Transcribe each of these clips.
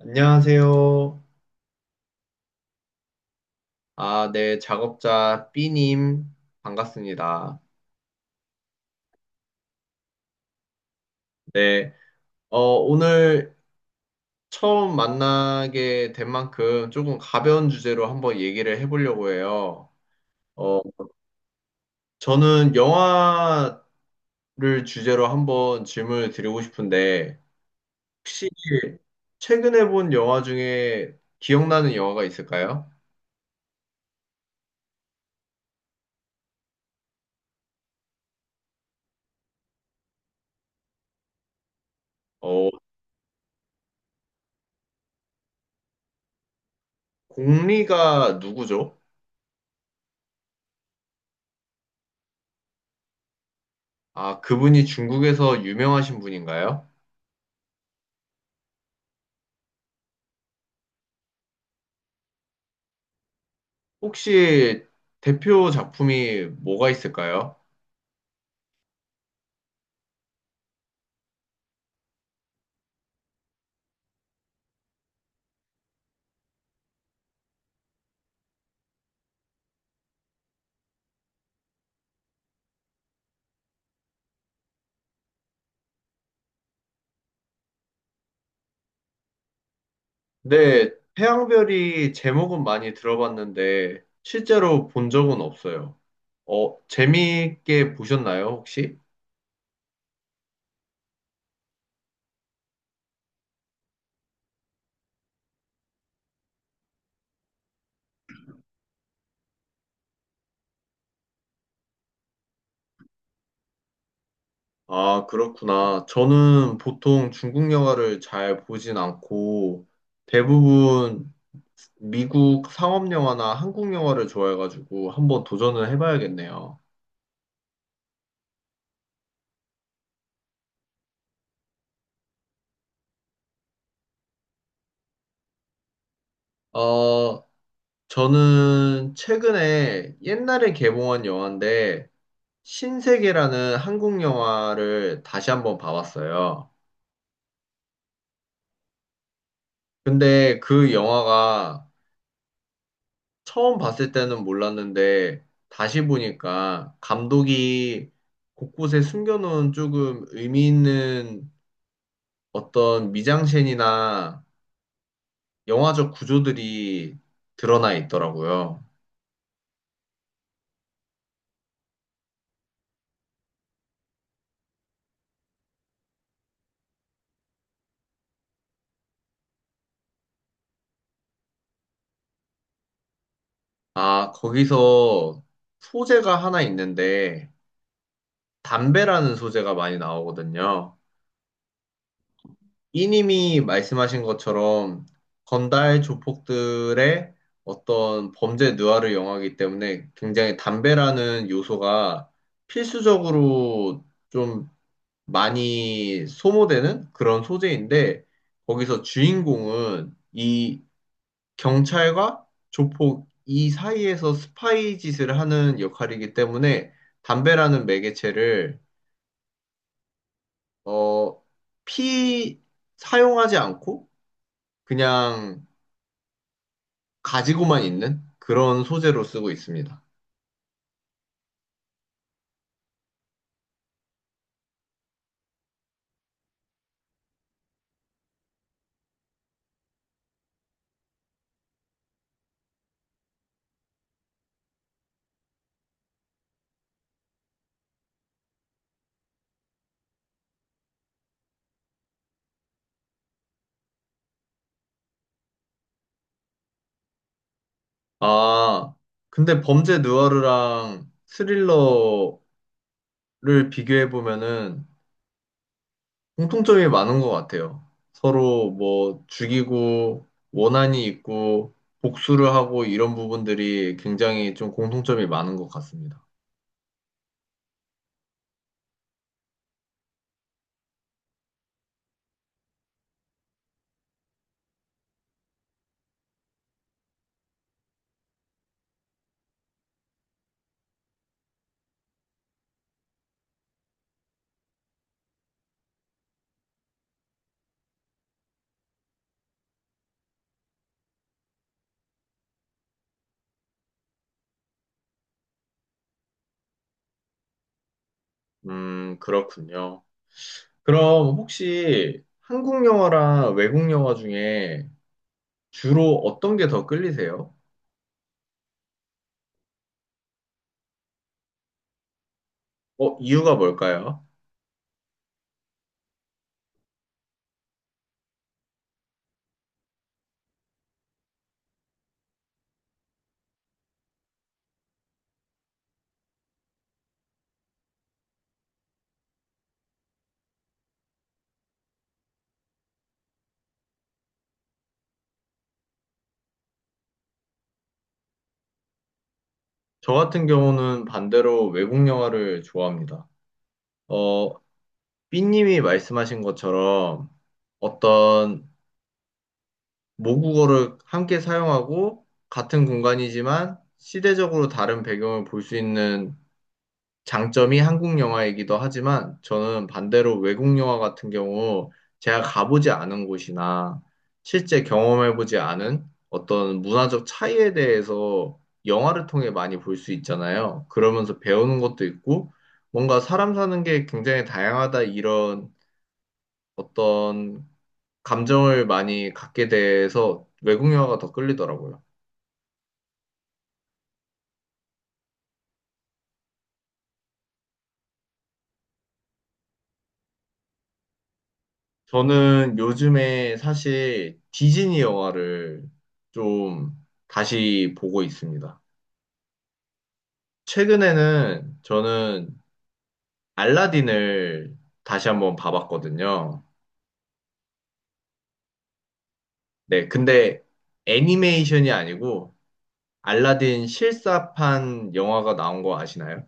안녕하세요. 아, 네, 작업자 B님, 반갑습니다. 네, 오늘 처음 만나게 된 만큼 조금 가벼운 주제로 한번 얘기를 해보려고 해요. 어, 저는 영화를 주제로 한번 질문을 드리고 싶은데, 혹시 최근에 본 영화 중에 기억나는 영화가 있을까요? 어, 공리가 누구죠? 아, 그분이 중국에서 유명하신 분인가요? 혹시 대표 작품이 뭐가 있을까요? 네, 태양별이 제목은 많이 들어봤는데 실제로 본 적은 없어요. 재미있게 보셨나요, 혹시? 아, 그렇구나. 저는 보통 중국 영화를 잘 보진 않고 대부분 미국 상업 영화나 한국 영화를 좋아해가지고 한번 도전을 해봐야겠네요. 어, 저는 최근에 옛날에 개봉한 영화인데 신세계라는 한국 영화를 다시 한번 봐봤어요. 근데 그 영화가 처음 봤을 때는 몰랐는데 다시 보니까 감독이 곳곳에 숨겨놓은 조금 의미 있는 어떤 미장센이나 영화적 구조들이 드러나 있더라고요. 아, 거기서 소재가 하나 있는데 담배라는 소재가 많이 나오거든요. 이님이 말씀하신 것처럼 건달 조폭들의 어떤 범죄 누아르 영화이기 때문에 굉장히 담배라는 요소가 필수적으로 좀 많이 소모되는 그런 소재인데 거기서 주인공은 이 경찰과 조폭 이 사이에서 스파이 짓을 하는 역할이기 때문에 담배라는 매개체를 어, 피 사용하지 않고 그냥 가지고만 있는 그런 소재로 쓰고 있습니다. 아, 근데 범죄 누아르랑 스릴러를 비교해 보면은 공통점이 많은 것 같아요. 서로 뭐 죽이고 원한이 있고 복수를 하고 이런 부분들이 굉장히 좀 공통점이 많은 것 같습니다. 그렇군요. 그럼 혹시 한국 영화랑 외국 영화 중에 주로 어떤 게 더 끌리세요? 이유가 뭘까요? 저 같은 경우는 반대로 외국 영화를 좋아합니다. 어, 삐님이 말씀하신 것처럼 어떤 모국어를 함께 사용하고 같은 공간이지만 시대적으로 다른 배경을 볼 수 있는 장점이 한국 영화이기도 하지만 저는 반대로 외국 영화 같은 경우 제가 가보지 않은 곳이나 실제 경험해보지 않은 어떤 문화적 차이에 대해서 영화를 통해 많이 볼 수 있잖아요. 그러면서 배우는 것도 있고 뭔가 사람 사는 게 굉장히 다양하다 이런 어떤 감정을 많이 갖게 돼서 외국 영화가 더 끌리더라고요. 저는 요즘에 사실 디즈니 영화를 좀 다시 보고 있습니다. 최근에는 저는 알라딘을 다시 한번 봐봤거든요. 네, 근데 애니메이션이 아니고 알라딘 실사판 영화가 나온 거 아시나요?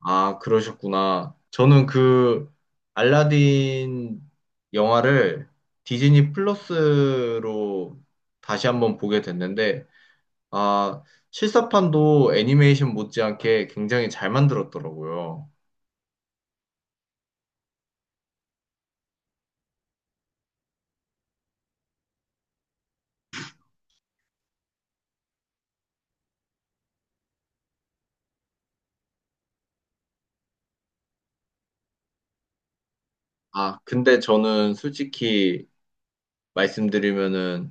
아, 그러셨구나. 저는 그 알라딘 영화를 디즈니 플러스로 다시 한번 보게 됐는데 아, 실사판도 애니메이션 못지않게 굉장히 잘 만들었더라고요. 아, 근데 저는 솔직히 말씀드리면은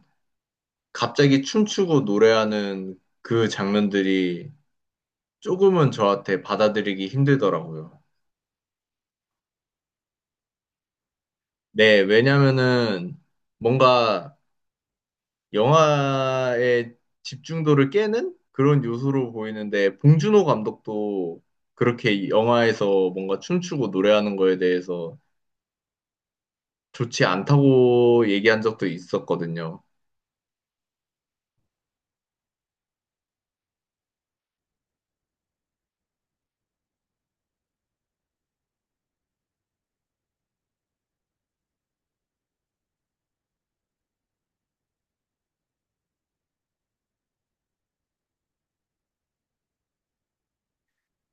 갑자기 춤추고 노래하는 그 장면들이 조금은 저한테 받아들이기 힘들더라고요. 네, 왜냐면은 뭔가 영화의 집중도를 깨는 그런 요소로 보이는데 봉준호 감독도 그렇게 영화에서 뭔가 춤추고 노래하는 거에 대해서 좋지 않다고 얘기한 적도 있었거든요.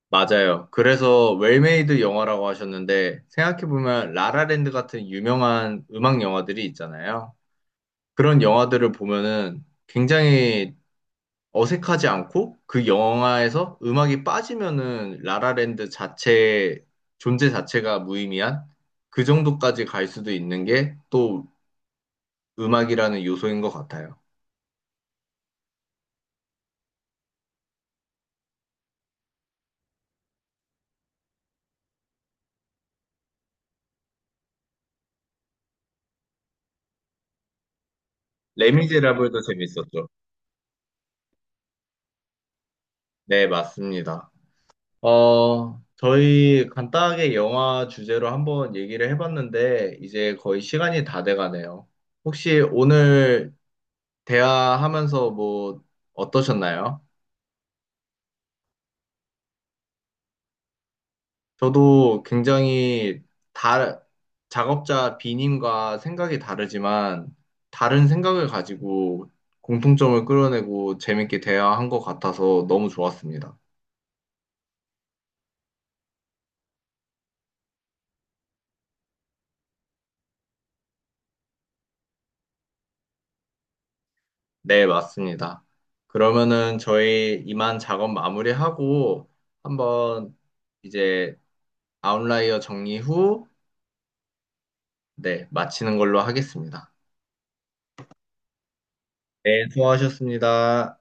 맞아요. 그래서 웰메이드 영화라고 하셨는데 생각해보면 라라랜드 같은 유명한 음악 영화들이 있잖아요. 그런 영화들을 보면은 굉장히 어색하지 않고 그 영화에서 음악이 빠지면은 라라랜드 자체 존재 자체가 무의미한 그 정도까지 갈 수도 있는 게 또 음악이라는 요소인 것 같아요. 레미제라블도 재밌었죠. 네, 맞습니다. 저희 간단하게 영화 주제로 한번 얘기를 해봤는데, 이제 거의 시간이 다 돼가네요. 혹시 오늘 대화하면서 뭐 어떠셨나요? 저도 굉장히 다, 작업자 B님과 생각이 다르지만, 다른 생각을 가지고 공통점을 끌어내고 재밌게 대화한 것 같아서 너무 좋았습니다. 네, 맞습니다. 그러면은 저희 이만 작업 마무리하고 한번 이제 아웃라이어 정리 후, 네, 마치는 걸로 하겠습니다. 네, 수고하셨습니다.